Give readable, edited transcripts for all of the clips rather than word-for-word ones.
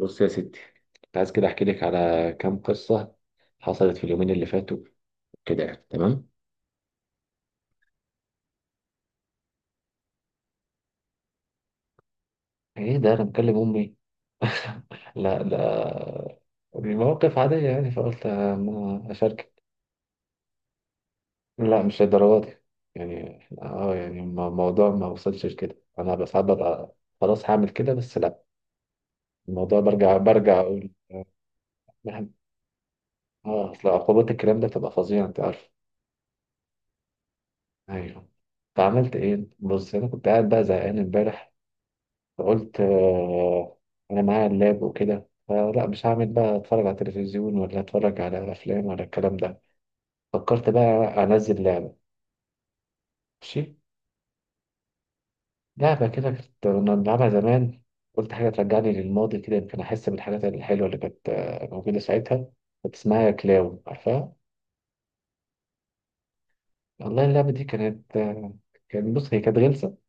بص يا ستي، كنت عايز كده احكي لك على كام قصه حصلت في اليومين اللي فاتوا كده. يعني تمام. ايه ده انا مكلم امي؟ لا لا، المواقف عاديه يعني فقلت اما اشارك. لا مش للدرجه دي، يعني الموضوع ما وصلش لكده. انا بس ساعات ببقى خلاص هعمل كده، بس لا، الموضوع برجع اقول، يعني، اه اصل عقوبات الكلام ده بتبقى فظيعه انت عارف. ايوه. فعملت ايه؟ بص انا كنت قاعد بقى زهقان امبارح، فقلت آه، أنا معايا اللاب وكده، فلا مش هعمل بقى أتفرج على تلفزيون ولا أتفرج على أفلام ولا الكلام ده. فكرت بقى أنزل لعبة. ماشي. لعبة كده كنا بنلعبها زمان. قلت حاجة ترجعني للماضي كده، يمكن أحس بالحاجات الحلوة اللي كانت موجودة ساعتها. كانت اسمها كلاون، عارفها؟ والله اللعبة دي كانت كان، بص هي كانت غلسة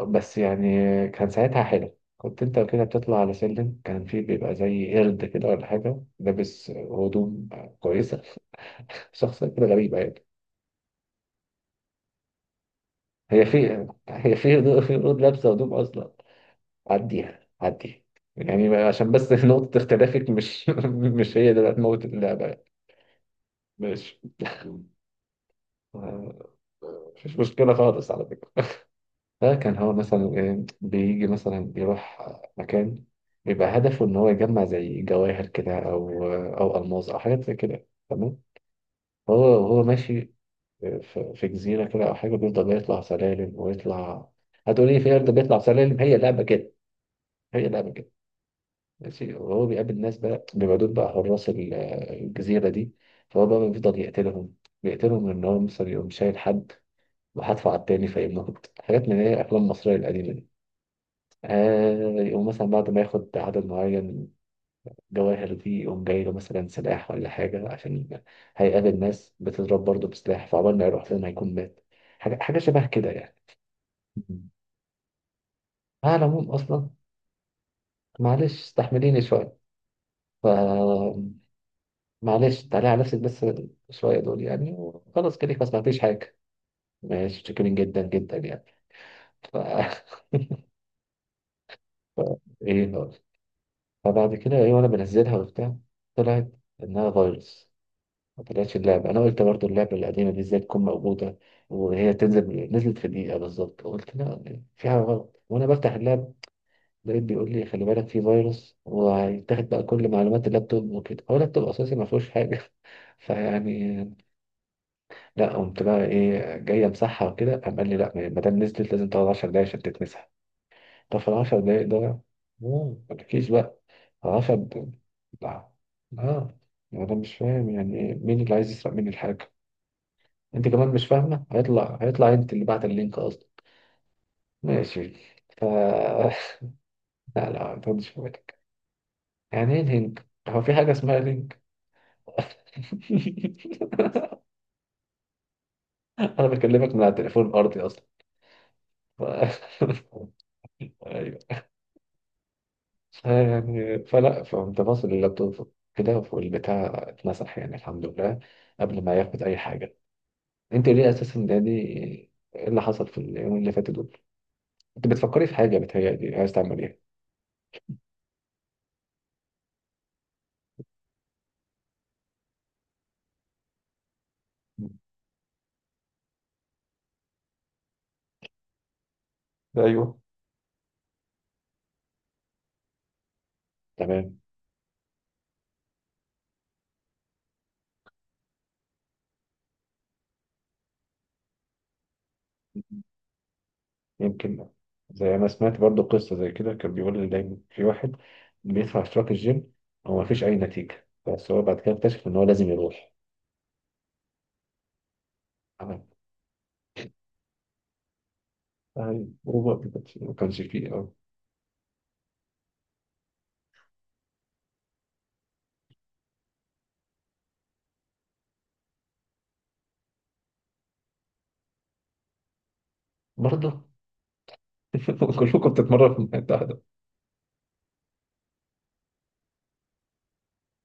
بس يعني. كان ساعتها حلو، كنت انت كده بتطلع على سلم كان فيه بيبقى زي قرد كده ولا حاجة لابس هدوم كويسة، شخصية كده غريبة يعني. هي في هي في هدوء في هدوء لابسة هدوم أصلا. عديها عديها يعني، عشان بس نقطة اختلافك مش مش هي اللي هتموت اللعبة يعني. ماشي. مفيش مشكلة خالص على فكرة. فكان هو مثلا إيه بيجي مثلا يروح مكان، بيبقى هدفه إن هو يجمع زي جواهر كده أو أو ألماس أو حاجات زي كده، تمام. هو وهو ماشي في في جزيرة كده أو حاجة، بيفضل يطلع سلالم ويطلع. هتقولي في أرض بيطلع سلالم؟ هي لعبة كده. هي لعبة كده. ماشي. وهو بيقابل ناس بقى، بيبقى دول بقى حراس الجزيرة دي. فهو بقى بيفضل يقتلهم. بيقتلهم إن هو مثلا يقوم شايل حد وحدفع على التاني فيموت، حاجات من هي أفلام مصرية القديمة دي. آه، يقوم مثلا بعد ما ياخد عدد معين جواهر دي، يقوم جاي له مثلا سلاح ولا حاجة، عشان هيقابل ناس بتضرب برضه بسلاح، فعقبال ما يروح لنا هيكون مات. حاجة شبه كده يعني. مم. على العموم أصلا معلش استحمليني شوية. ف، معلش تعالي على نفسك بس شوية دول يعني، وخلاص كده ما سمعتيش حاجة. ماشي، شكرا جدا جدا يعني. ف إيه هو. فبعد كده إيه، وأنا بنزلها وبتاع، طلعت إنها فيروس. ما طلعتش اللعبة. أنا قلت برضو اللعبة القديمة دي إزاي تكون موجودة؟ وهي تنزل نزلت في دقيقة بالظبط. قلت لا، في حاجة غلط. وأنا بفتح اللاب لقيت بيقول لي خلي بالك في فيروس وهيتاخد بقى كل معلومات اللابتوب وكده. هو اللابتوب أساسي ما فيهوش حاجة، فيعني، لا، قمت بقى إيه، جاي أمسحها وكده قام قال لي لا، ما دام نزلت لازم تقعد 10 دقايق عشان تتمسح. طب في ال 10 دقايق ده، مم، ما تحكيش بقى. 10. لا. آه. أنا مش فاهم يعني إيه، مين اللي عايز يسرق مني الحاجة. انت كمان مش فاهمه؟ هيطلع انت اللي بعت اللينك اصلا. ماشي. ف لا لا، ما تاخدش في بالك. يعني ايه لينك؟ هو في حاجه اسمها لينك؟ انا بكلمك من على التليفون الارضي اصلا. ف... ايوه. يعني فلا، فقمت باصل اللابتوب كده والبتاع اتمسح يعني، الحمد لله قبل ما ياخد اي حاجه. انت ليه اساسا ده، دي ايه اللي حصل في اليومين اللي فاتوا دول؟ انت بتفكري في حاجه، بتهيألي عايز تعمل ايه. ايوه. تمام. يمكن زي ما سمعت برضو قصة زي كده، كان بيقول لي دايما في واحد بيدفع اشتراك الجيم، هو مفيش أي نتيجة، بس هو بعد كده اكتشف إن هو لازم يروح. تمام. أي هو ما كانش فيه أه. برضه. كلكم بتتمرنوا في المتحدة.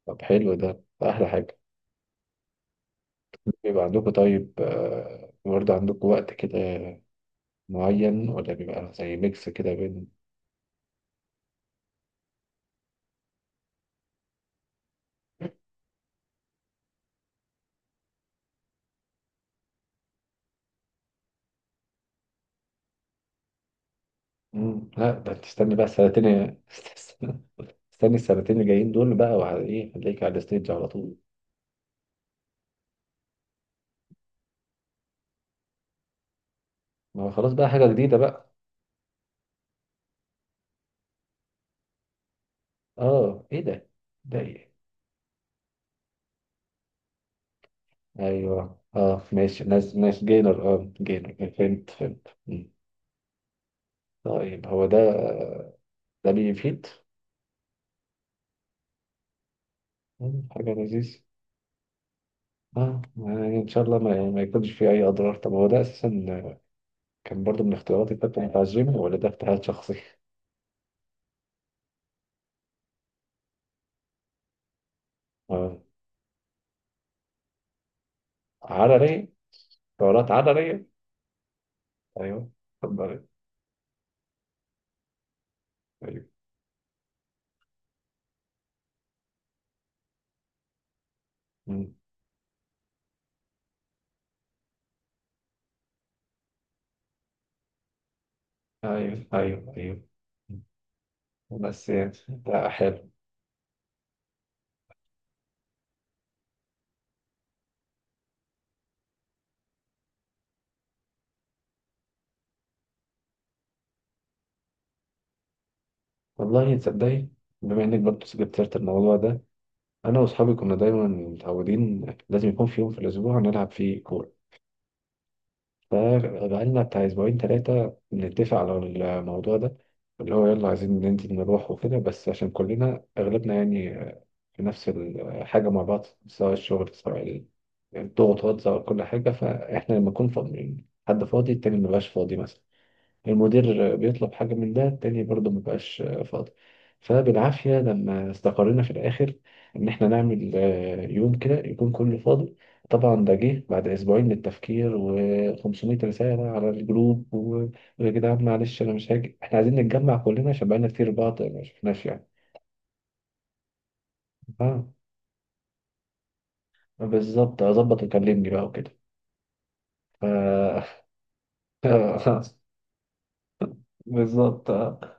طب حلو، ده ده أحلى حاجة. بيبقى عندكم طيب برضه عندكم وقت كده معين ولا بيبقى زي ميكس كده بين، مم، لا ده تستني بقى السنتين. استني السنتين اللي جايين دول بقى، وعلى إيه هتلاقيك على الستيج على طول. ما هو خلاص بقى حاجة جديدة بقى. اه ايه ده؟ ده ايه؟ ايوه، اه ماشي، ناس ناس جينر اه جينر، فهمت فهمت. مم. طيب هو ده. ده بيفيد. مم، حاجة لذيذة. اه يعني ان شاء الله ما يكونش فيه اي اضرار. طب هو ده اساسا كان برضو من اختياراتي بتاعت بتاع الجيم ولا ده اجتهاد شخصي؟ اه. عضلية. دورات عضلية. ايوه. اتفضل. ايوه. مم. ايوه ايوه ايوه. بس يعني ده حلو. والله تصدقي، بما انك برضه جبت سيرة الموضوع ده، انا واصحابي كنا دايما متعودين لازم يكون في يوم في الاسبوع نلعب فيه كوره. فبقالنا بتاع اسبوعين ثلاثه بنتفق على الموضوع ده، اللي هو يلا عايزين ننزل نروح وكده، بس عشان كلنا اغلبنا يعني في نفس الحاجه مع بعض، سواء الشغل سواء الضغوطات سواء كل حاجه. فاحنا لما نكون فاضيين، حد فاضي التاني مبقاش فاضي مثلا، المدير بيطلب حاجة من ده، التاني برضه مبقاش فاضي. فبالعافية لما استقرينا في الآخر إن إحنا نعمل يوم كده يكون كله فاضي. طبعا ده جه بعد أسبوعين من التفكير و500 رسالة على الجروب و- ويا جدعان معلش أنا مش هاجي، إحنا عايزين نتجمع كلنا عشان بقالنا كتير بعض ما شفناش يعني. آه. بالظبط أظبط وكلمني بقى وكده. ف- بالظبط آه.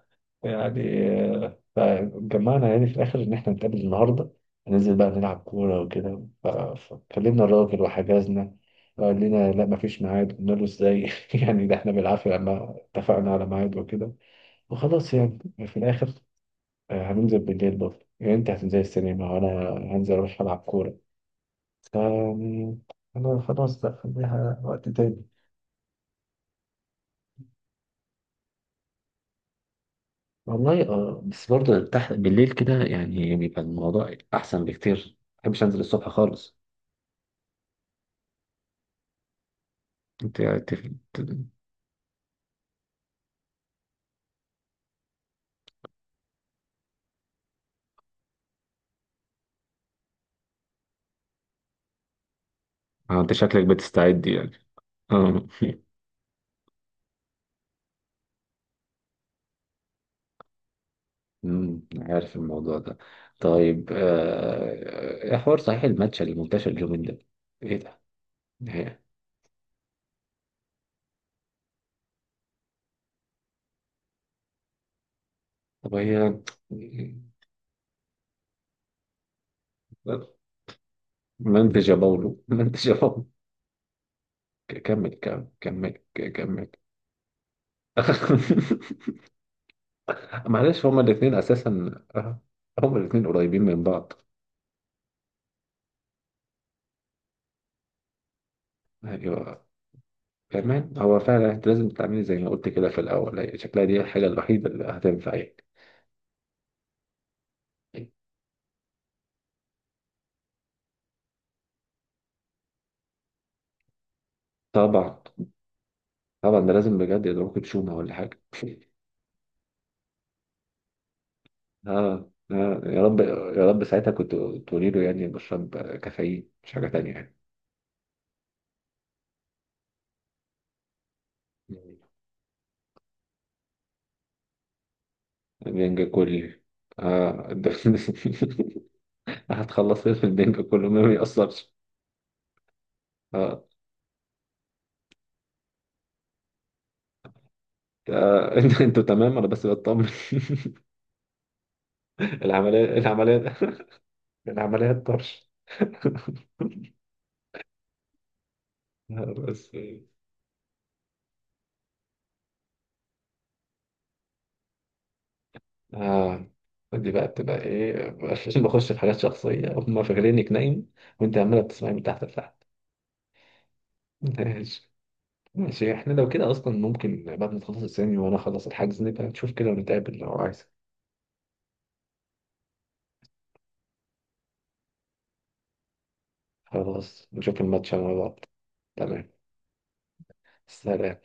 يعني، فجمعنا يعني في الآخر إن إحنا نتقابل النهاردة، هننزل بقى نلعب كورة وكده. ف- فكلمنا الراجل وحجزنا، قال لنا لا مفيش ميعاد. قلنا له إزاي؟ يعني ده إحنا بالعافية لما اتفقنا على ميعاد وكده، وخلاص يعني. في الآخر هننزل بالليل برضه يعني، أنت هتنزل السينما وأنا هنزل أروح ألعب كورة. ف يعني، أنا خلاص بقى خليها وقت تاني. والله اه، بس برضه تحت بالليل كده يعني بيبقى الموضوع أحسن بكتير، ما بحبش أنزل الصبح خالص. انت انت. اه انت شكلك بتستعد يعني. اه. امم، عارف الموضوع ده. طيب إيه حوار صحيح الماتش اللي منتشر اليومين ده؟ ايه ده. إيه؟ طب هي، منتج يا باولو. منتج يا باولو. كمل. كمل. معلش هما الاثنين اساسا هما الاثنين قريبين من بعض. ايوه. كمان هو فعلا انت لازم تعملي زي ما قلت كده في الاول، هي شكلها دي الحاجه الوحيده اللي هتنفع يعني. طبعا. طبعا ده لازم بجد يضربك بشومة ولا حاجة. اه اه، يا رب يا رب ساعتها كنت تقولي له يعني بشرب كافيين مش حاجة تانية يعني. البنج كلي. اه ده- هتخلص ايه في البنج كله ما بيأثرش. اه. انت- انتوا تمام، انا بس بطمن. العملية. العملية. العملية الطرش. بس. آه. دي بقى بتبقى ايه عشان بخش في حاجات شخصية؟ هم فاكرينك نايم وانت عمالة بتسمعي من تحت لتحت. ماشي. ماشي، احنا لو كده اصلا ممكن بعد ما تخلص الثاني وانا اخلص الحجز، نبقى نشوف كده ونتقابل لو عايز. خلاص نشوف الماتش مع بعض. تمام. سلام.